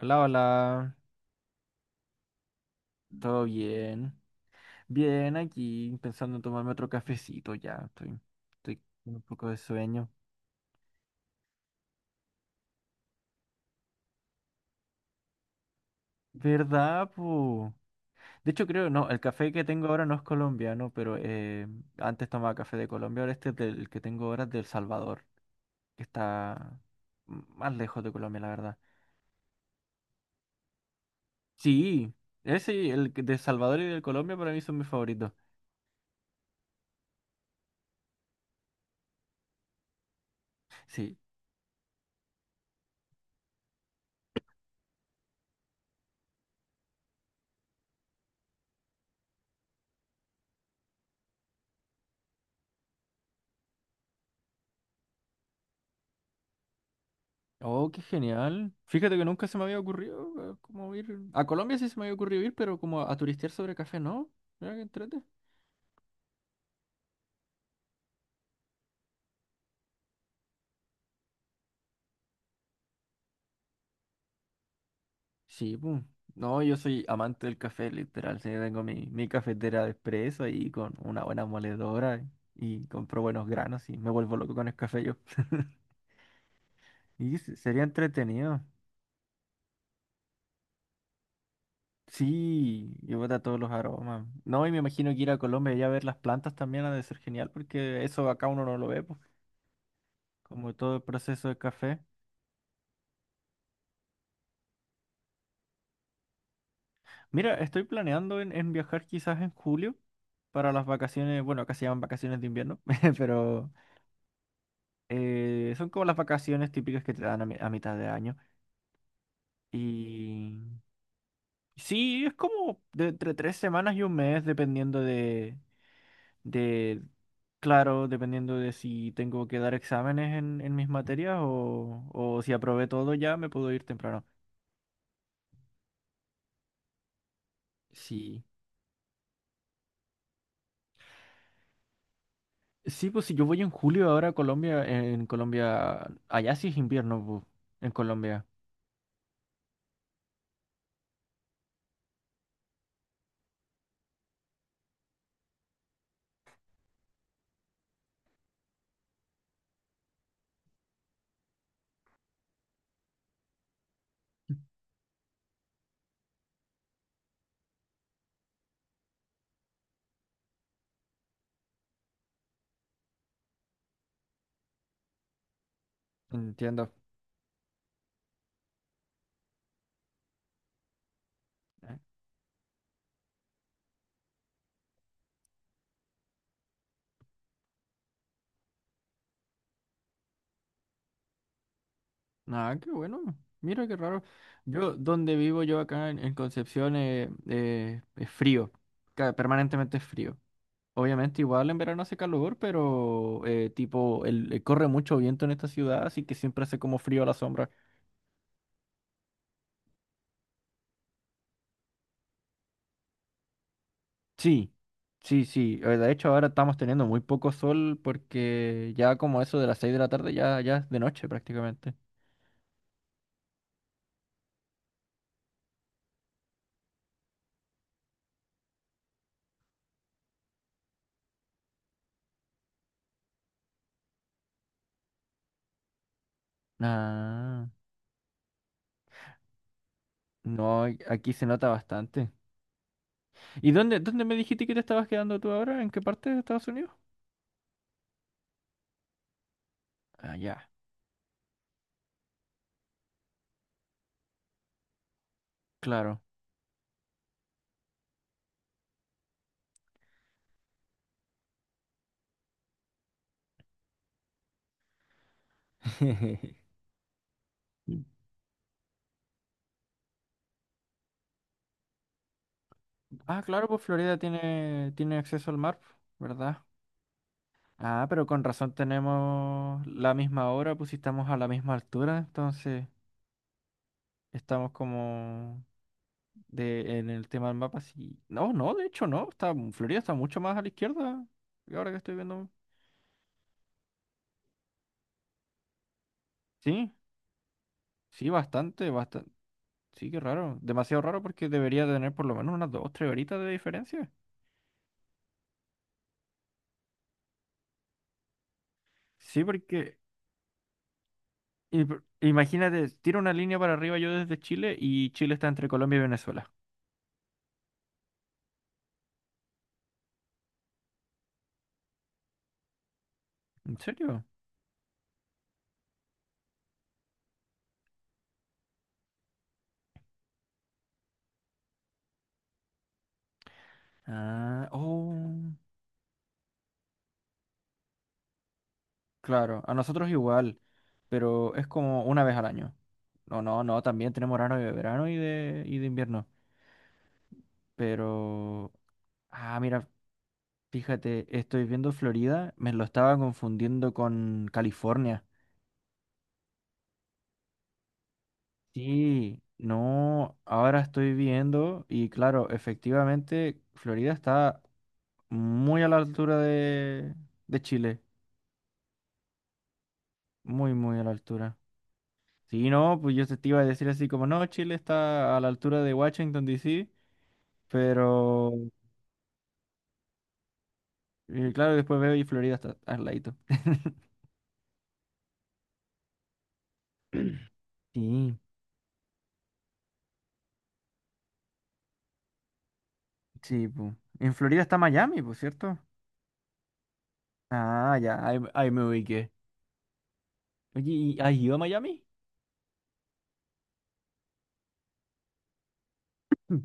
Hola, hola. ¿Todo bien? Bien, aquí pensando en tomarme otro cafecito ya. Estoy con un poco de sueño. ¿Verdad, po? De hecho, creo, no, el café que tengo ahora no es colombiano, pero antes tomaba café de Colombia, ahora este es del que tengo ahora es de El Salvador, que está más lejos de Colombia, la verdad. Sí, ese, y de Salvador y del Colombia para mí son mis favoritos. Sí, oh, qué genial. Fíjate que nunca se me había ocurrido como ir. A Colombia sí se me había ocurrido ir, pero como a turistear sobre café, ¿no? Mira que entrete. Sí, pues. No, yo soy amante del café, literal. Sí, tengo mi cafetera de espresso ahí con una buena moledora y compro buenos granos y me vuelvo loco con el café yo. Y sería entretenido. Sí, y bota todos los aromas. No, y me imagino que ir a Colombia y a ver las plantas también ha de ser genial, porque eso acá uno no lo ve, pues, como todo el proceso de café. Mira, estoy planeando en viajar quizás en julio para las vacaciones, bueno, acá se llaman vacaciones de invierno, pero son como las vacaciones típicas que te dan a mitad de año. Y sí, es como de entre 3 semanas y un mes, dependiendo de, claro, dependiendo de si tengo que dar exámenes en mis materias o si aprobé todo ya, me puedo ir temprano. Sí. Sí, pues si yo voy en julio ahora a Colombia, en Colombia, allá sí es invierno, en Colombia. Entiendo. Eh, Nada, qué bueno. Mira qué raro. Yo, donde vivo yo acá en Concepción, es frío. Permanentemente es frío. Obviamente igual en verano hace calor, pero tipo, corre mucho viento en esta ciudad, así que siempre hace como frío a la sombra. Sí, sí, sí. De hecho, ahora estamos teniendo muy poco sol porque ya como eso de las 6 de la tarde ya es de noche prácticamente. Ah, no, aquí se nota bastante. ¿Y dónde me dijiste que te estabas quedando tú ahora? ¿En qué parte de Estados Unidos? Ah, ya, claro. Mm. Ah, claro, pues Florida tiene acceso al mar, ¿verdad? Ah, pero con razón tenemos la misma hora, pues si estamos a la misma altura, entonces estamos como de, en el tema del mapa, sí. No, no, de hecho no. Florida está mucho más a la izquierda. Ahora que estoy viendo. Sí, sí, bastante, bastante. Sí, qué raro. Demasiado raro porque debería tener por lo menos unas 2, 3 horitas de diferencia. Sí, porque imagínate, tiro una línea para arriba yo desde Chile y Chile está entre Colombia y Venezuela. ¿En serio? Ah, oh, claro, a nosotros igual, pero es como una vez al año. No, no, no, también tenemos verano y de verano y de invierno. Pero, ah, mira, fíjate, estoy viendo Florida, me lo estaba confundiendo con California. Sí, no, ahora estoy viendo y claro, efectivamente, Florida está muy a la altura de Chile, muy, muy a la altura. Sí, no, pues yo te iba a decir así como, no, Chile está a la altura de Washington, D.C. Pero, claro, después veo y Florida está al ladito. Sí. Sí, pues. En Florida está Miami, pues, ¿cierto? Ah, ya, ahí me ubiqué. Oye, ¿y has ido a Miami? Mm.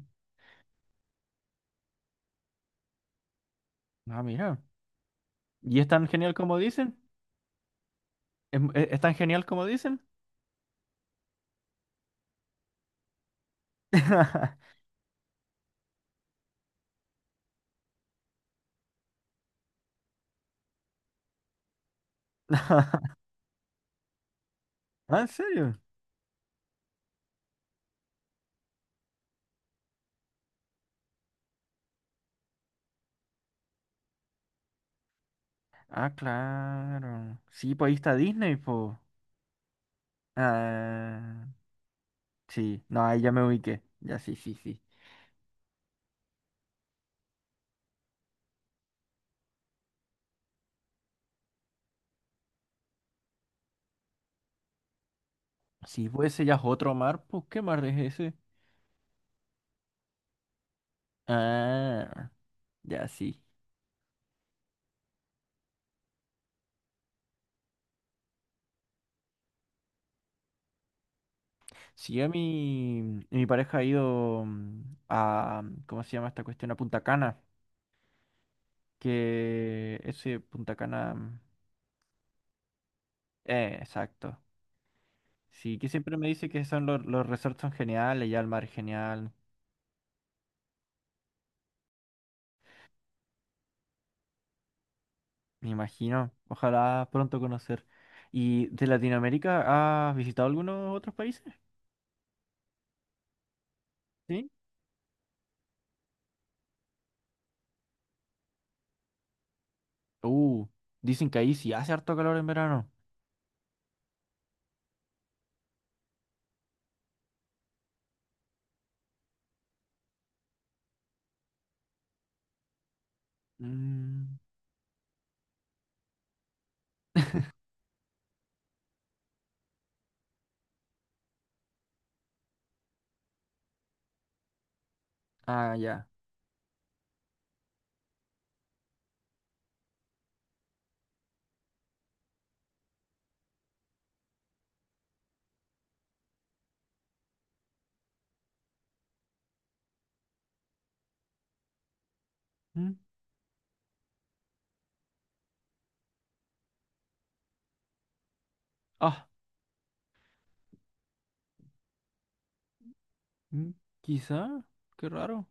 Ah, mira. ¿Y es tan genial como dicen? ¿Es tan genial como dicen? Ah, ¿en serio? Ah, claro. Sí, pues ahí está Disney, pues. Ah, sí. No, ahí ya me ubiqué. Ya, sí, sí, sí. Sí, pues ese ya es otro mar, pues, ¿qué mar es ese? Ah, ya, sí. Si yo a mi pareja ha ido ¿cómo se llama esta cuestión? A Punta Cana, que ese Punta Cana, exacto. Sí, que siempre me dice que son los resorts son geniales, ya el mar es genial, me imagino. Ojalá pronto conocer. ¿Y de Latinoamérica has visitado algunos otros países? Sí. Uh, Dicen que ahí sí hace harto calor en verano. Mm, ah, ya. Mm, ah, mm, quizá, qué raro.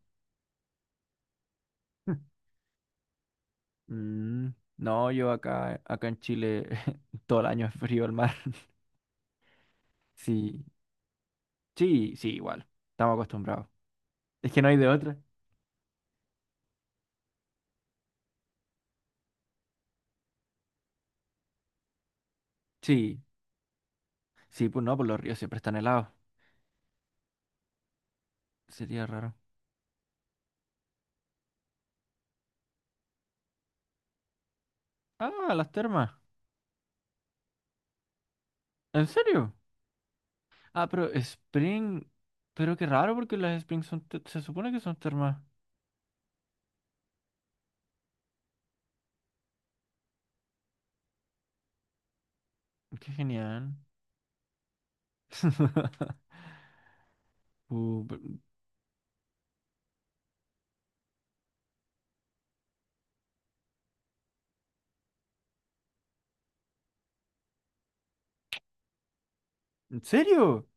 Mm, no, yo acá en Chile todo el año es frío el mar. Sí, sí, sí, igual. Estamos acostumbrados. Es que no hay de otra. Sí, sí, pues no, pues los ríos siempre están helados. Sería raro. Ah, las termas. ¿En serio? Ah, pero Spring. Pero qué raro porque las Spring son se supone que son termas. Qué genial. Uh, pero- ¿En serio?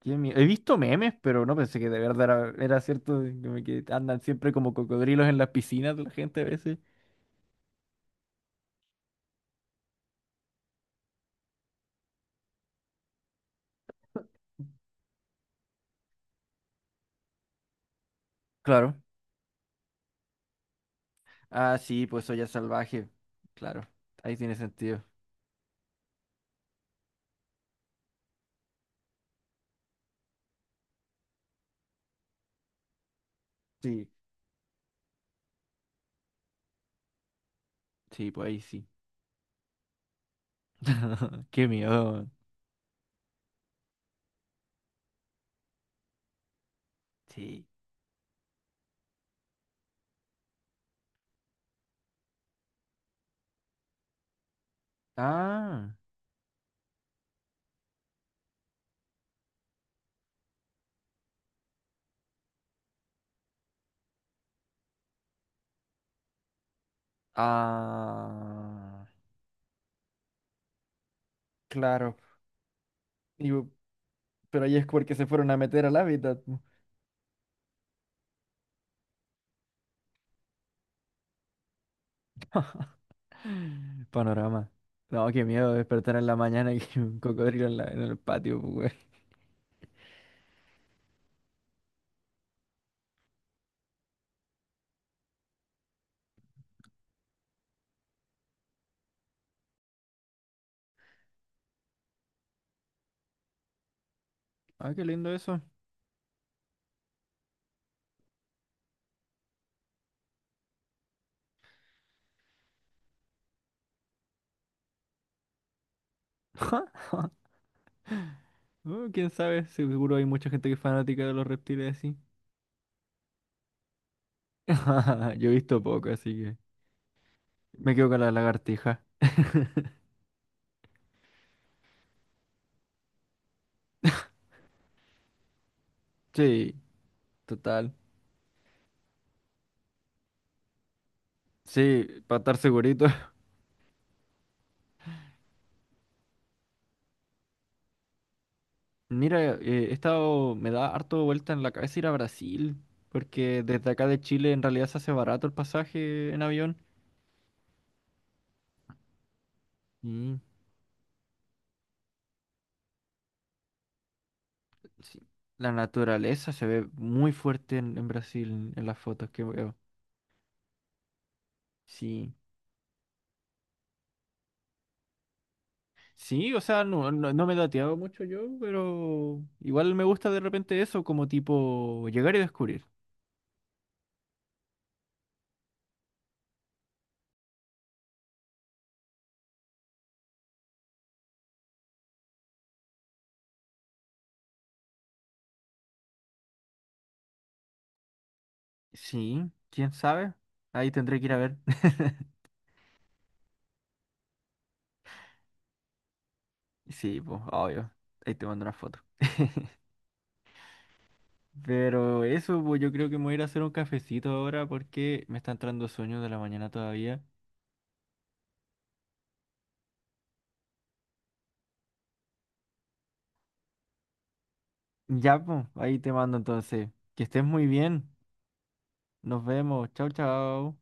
He visto memes, pero no pensé que de verdad era cierto, como que andan siempre como cocodrilos en las piscinas de la gente a veces. Claro. Ah, sí, pues soy salvaje. Claro, ahí tiene sentido. Sí, sí, pues ahí sí. Qué miedo. Sí. Ah. Ah. Claro. Digo, pero ahí es porque se fueron a meter al hábitat. Panorama. No, qué miedo despertar en la mañana y que un cocodrilo en en el patio, pues, güey. Ah, qué lindo eso. Oh, quién sabe, seguro hay mucha gente que es fanática de los reptiles así. Yo he visto poco, así que me quedo con la lagartija. Sí, total. Sí, para estar segurito. Mira, he estado, me da harto vuelta en la cabeza ir a Brasil, porque desde acá de Chile en realidad se hace barato el pasaje en avión. Y sí, la naturaleza se ve muy fuerte en Brasil, en las fotos que veo. Sí. Sí, o sea, no, no, no me he dateado mucho yo, pero igual me gusta de repente eso, como tipo llegar y descubrir. Sí, quién sabe. Ahí tendré que ir a ver. Sí, pues, obvio. Ahí te mando una foto. Pero eso, pues yo creo que me voy a ir a hacer un cafecito ahora porque me está entrando sueño de la mañana todavía. Ya, pues, ahí te mando entonces. Que estés muy bien. Nos vemos. Chao, chao.